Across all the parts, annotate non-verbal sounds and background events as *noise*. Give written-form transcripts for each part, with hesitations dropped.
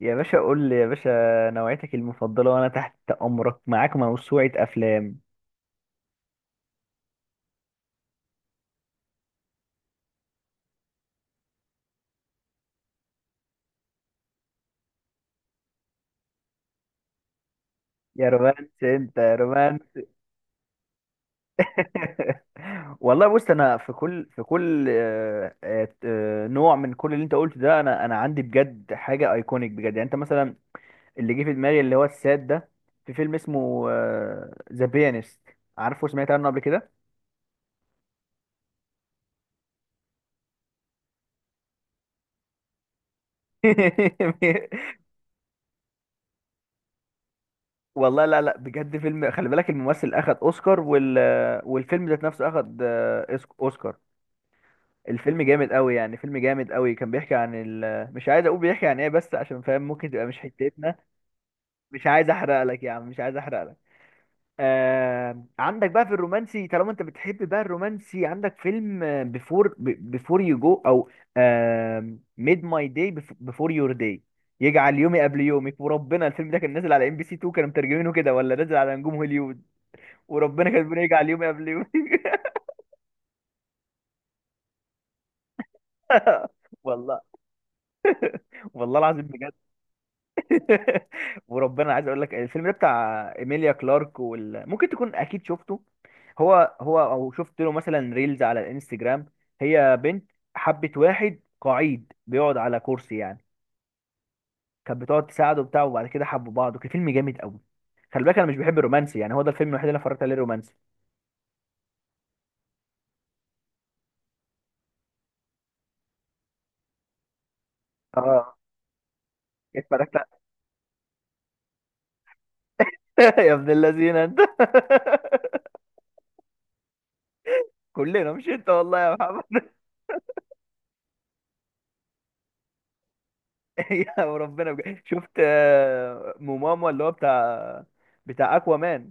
يا باشا قول لي يا باشا. نوعيتك المفضلة وأنا تحت أمرك، معاك موسوعة أفلام. يا رومانس أنت يا رومانس. *laughs* والله بص أنا في كل نوع من كل اللي أنت قلته ده، أنا عندي بجد حاجة أيكونيك بجد. يعني أنت مثلا اللي جه في دماغي اللي هو الساد ده، في فيلم اسمه ذا بيانست. عارفه؟ سمعت عنه قبل كده؟ *laughs* والله لا بجد، فيلم خلي بالك الممثل أخد أوسكار، وال والفيلم ذات نفسه أخد أوسكار. الفيلم جامد قوي، يعني فيلم جامد قوي. كان بيحكي عن مش عايز اقول بيحكي عن ايه بس، عشان فاهم ممكن تبقى مش حتتنا. مش عايز احرق لك يا عم، مش عايز احرق لك. عندك بقى في الرومانسي، طالما انت بتحب بقى الرومانسي، عندك فيلم بيفور يو جو او ميد ماي داي، بيفور يور داي. يجعل يومي قبل يومك. وربنا الفيلم ده كان نازل على ام بي سي 2، كانوا مترجمينه كده ولا نازل على نجوم هوليوود، وربنا كان بيقول يجعل يومي قبل يومك. *laughs* والله، والله العظيم. *laughs* وربنا عايز اقول لك الفيلم ده بتاع ايميليا كلارك، ممكن تكون اكيد شفته. هو هو او شفت له مثلا ريلز على الانستجرام. هي بنت حبت واحد قعيد بيقعد على كرسي يعني، كانت بتقعد تساعده وبتاع، وبعد كده حبوا بعض، وكان فيلم جامد قوي. خلي بالك انا مش بحب الرومانسي، يعني هو ده الفيلم الوحيد اللي أنا اتفرجت عليه رومانسي. اه اتفرجت. *laughs* يا ابن اللذينه انت. *laughs* كلنا مش انت والله يا محمد. *laughs* يا وربنا بجد. شفت موماما اللي هو بتاع، بتاع اكوا مان.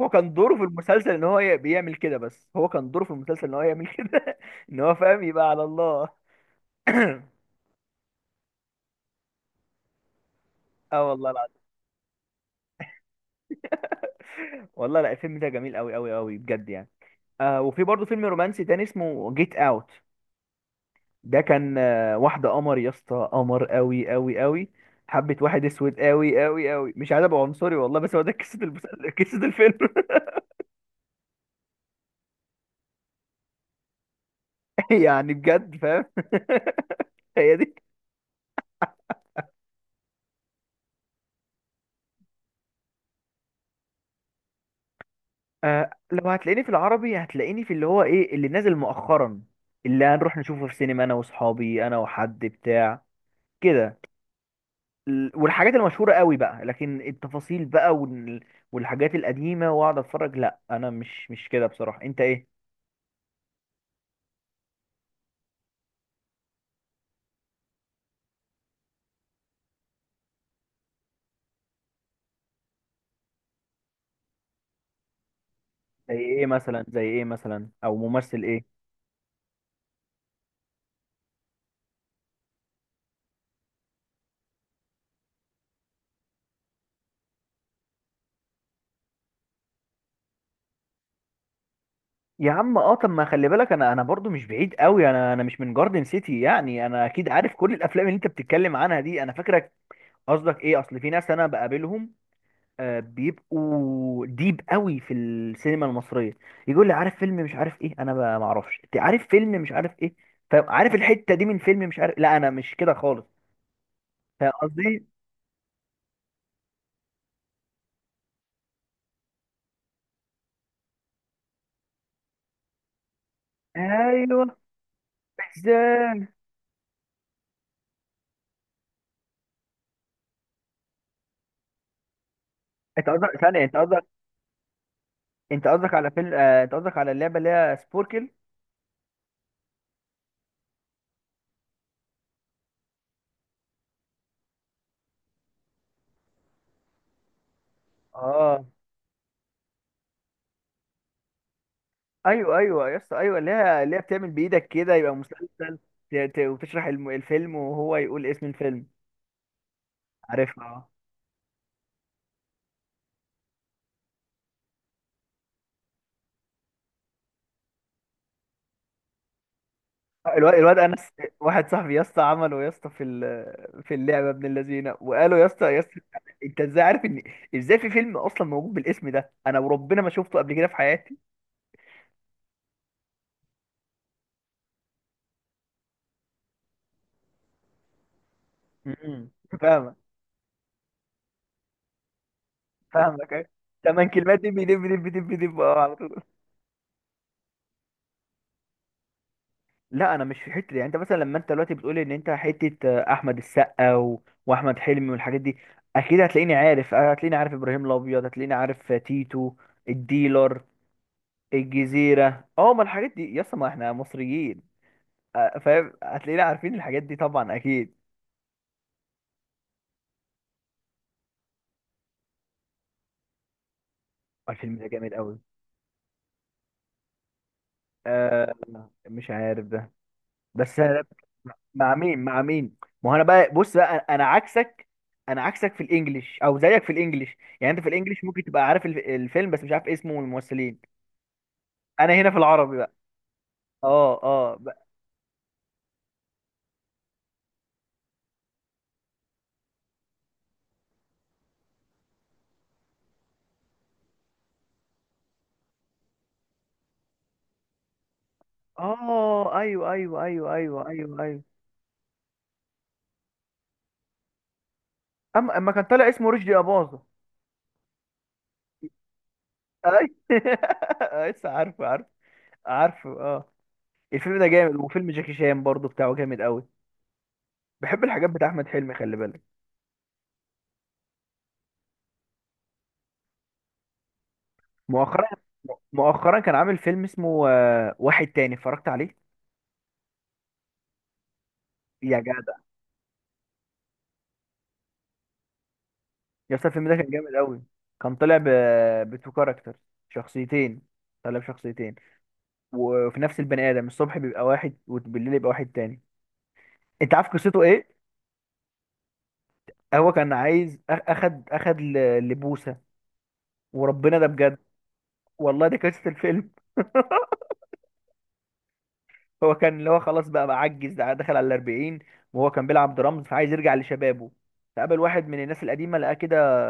هو كان دوره في المسلسل ان هو بيعمل كده، بس هو كان دوره في المسلسل ان هو يعمل كده، *laughs* ان هو فاهم، يبقى على الله. *coughs* اه والله العظيم. والله لا، الفيلم ده جميل قوي قوي قوي بجد يعني. آه وفي برضه فيلم رومانسي تاني اسمه جيت اوت. ده كان آه، واحده قمر يا اسطى، قمر قوي قوي قوي. حبة واحد اسود قوي قوي قوي، مش عايز ابقى عنصري والله، بس هو ده قصة المسلسل، قصة الفيلم. *laughs* يعني بجد فاهم. *laughs* هي دي. آه لو هتلاقيني في العربي هتلاقيني في اللي هو ايه، اللي نازل مؤخرا، اللي هنروح نشوفه في سينما انا واصحابي، انا وحد بتاع كده. والحاجات المشهورة قوي بقى، لكن التفاصيل بقى، والحاجات القديمة واقعد اتفرج، لا انا مش كده بصراحة. انت ايه؟ زي ايه مثلا؟ زي ايه مثلا او ممثل ايه؟ يا عم اه، طب ما خلي بالك انا، انا برضو مش بعيد قوي، انا انا مش من جاردن سيتي، يعني انا اكيد عارف كل الافلام اللي انت بتتكلم عنها دي، انا فاكرك. قصدك ايه؟ اصل في ناس انا بقابلهم، بيبقوا ديب قوي في السينما المصريه، يقول لي عارف فيلم مش عارف ايه، انا ما اعرفش. انت عارف فيلم مش عارف ايه، فعارف الحته دي من فيلم مش عارف. لا انا مش كده خالص. فاهم قصدي؟ ايوه. ازاي؟ انت قصدك ثانيه، انت قصدك، انت قصدك على فيلم، انت قصدك على اللعبه اللي هي سبوركل. اه ايوه ايوه يا اسطى، ايوه اللي هي، اللي هي بتعمل بايدك كده يبقى مسلسل، وتشرح الفيلم وهو يقول اسم الفيلم. عارفها اه. الواد انس. واحد صاحبي يا اسطى عمله يا اسطى في في اللعبه ابن اللذينه، وقالوا يا اسطى يا اسطى، انت ازاي عارف ان، ازاي في فيلم اصلا موجود بالاسم ده، انا وربنا ما شفته قبل كده في حياتي. مم. فاهمك. فاهمك أيوة. تمن كلمات، دب دب دب دب دب، اه على طول. لا انا مش في حته دي. يعني انت مثلا لما انت دلوقتي بتقول ان انت حته احمد السقا واحمد حلمي والحاجات دي، اكيد هتلاقيني عارف، هتلاقيني عارف ابراهيم الابيض، هتلاقيني عارف تيتو الديلر، الجزيرة. اه ما الحاجات دي يا اسطى، ما احنا مصريين، فاهم، هتلاقينا عارفين الحاجات دي طبعا اكيد. الفيلم ده جامد قوي. آه مش عارف ده، بس أنا، مع مين؟ مع مين؟ ما هو انا بقى بص بقى، انا عكسك. انا عكسك في الانجليش او زيك في الانجليش، يعني انت في الانجليش ممكن تبقى عارف الفيلم بس مش عارف اسمه والممثلين. انا هنا في العربي بقى. اه اه اه ايوه ايوه ايوه ايوه ايوه ايوه. اما كان طالع اسمه رشدي اباظة. أي- *laughs* لسه عارفه، عارفه، عارفه اه. الفيلم ده جامد. وفيلم جاكي شان برضو بتاعه جامد قوي. بحب الحاجات بتاع احمد حلمي خلي بالك. مؤخرا، مؤخرا كان عامل فيلم اسمه واحد تاني اتفرجت عليه. يا جدع يا اسطى الفيلم ده كان جامد قوي. كان طالع ب، بتو كاركتر، شخصيتين، طالع بشخصيتين، وفي نفس البني ادم الصبح بيبقى واحد وبالليل يبقى واحد تاني. انت عارف قصته ايه؟ هو كان عايز اخد اخد لبوسه. وربنا ده بجد، والله دي قصه الفيلم. هو كان اللي هو خلاص بقى، بقى عجز، دخل على الأربعين، وهو كان بيلعب درامز، فعايز يرجع لشبابه. فقابل واحد من الناس القديمة لقاه كده،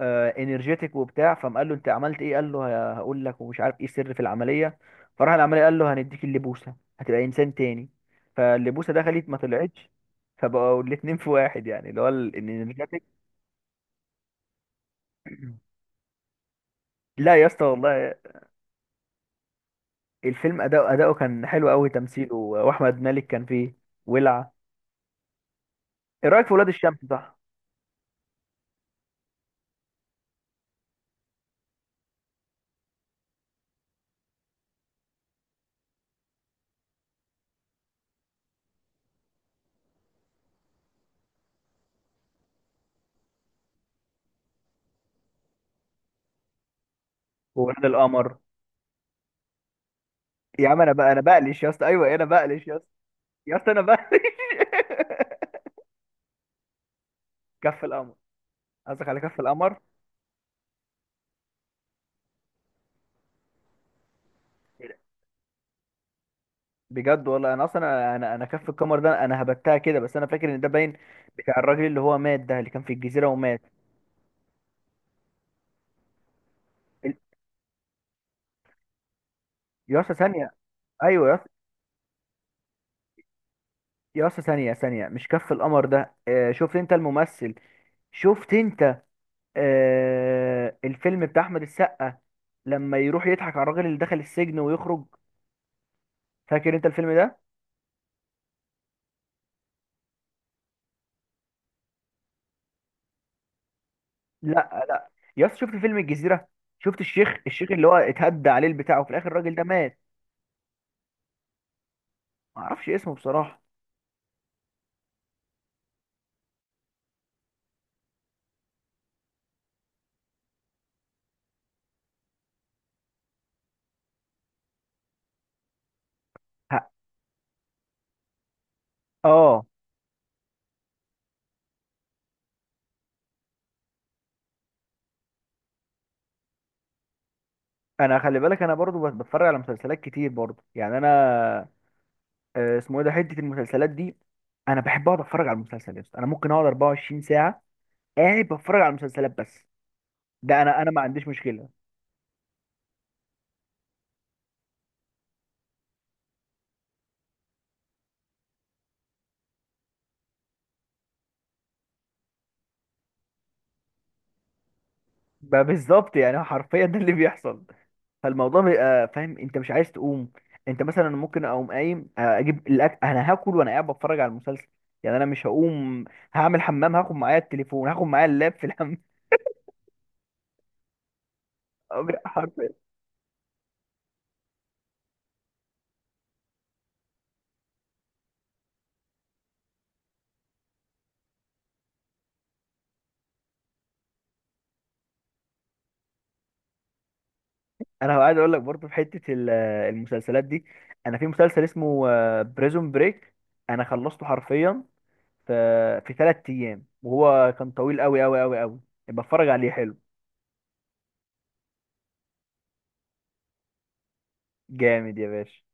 انرجيتك وبتاع. فقام قال له انت عملت ايه، قال له هقول لك، ومش عارف ايه السر في العملية. فراح العملية قال له هنديك اللبوسة هتبقى انسان تاني. فاللبوسة دخلت ما طلعتش، فبقوا الاتنين في واحد يعني، اللي هو الانرجيتك. لا يا اسطى والله، الفيلم اداؤه، اداؤه كان حلو قوي، تمثيله، واحمد مالك كان فيه ولع. ايه رايك في ولاد الشمس؟ صح. وولاد القمر. يا عم انا بقى، انا بقلش يا اسطى، ايوه انا بقلش يا اسطى، يا اسطى انا بقلش. *laughs* كف القمر، قصدك على كف القمر. بجد والله انا اصلا، انا انا كف القمر ده انا هبتها كده، بس انا فاكر ان ده باين بتاع الراجل اللي هو مات ده، اللي كان في الجزيره ومات. ال- يا اسطى ثانيه. ايوه يا اسطى. يا اسطى ثانيه، ثانيه، مش كف القمر ده. آه شفت انت الممثل، شفت انت، آه الفيلم بتاع احمد السقا، لما يروح يضحك على الراجل اللي دخل السجن ويخرج. فاكر انت الفيلم ده؟ لا لا. يا اسطى شفت فيلم الجزيره؟ شفت الشيخ، الشيخ اللي هو اتهدى عليه البتاع، وفي الاخر الراجل ده مات. ما اعرفش اسمه بصراحه. ه- اه. انا خلي بالك انا برضو بتفرج على مسلسلات كتير برضو يعني انا، اسمه ايه ده حته المسلسلات دي. انا بحب اقعد اتفرج على المسلسل يا اسطى، انا ممكن اقعد 24 ساعه قاعد بتفرج على المسلسلات بس. ده انا، انا ما عنديش مشكله. بالظبط يعني، حرفيا ده اللي بيحصل. فالموضوع بيبقى فاهم انت مش عايز تقوم. انت مثلا ممكن اقوم قايم اجيب الاكل انا هاكل وانا قاعد بتفرج على المسلسل. يعني انا مش هقوم، هعمل حمام هاخد معايا التليفون، هاخد معايا اللاب في الحمام. *laughs* حرفيا. انا عايز اقول لك برضه في حته المسلسلات دي، انا في مسلسل اسمه بريزون بريك، انا خلصته حرفيا في في 3 ايام، وهو كان طويل قوي قوي قوي قوي. بتفرج عليه، حلو. جامد يا باشا.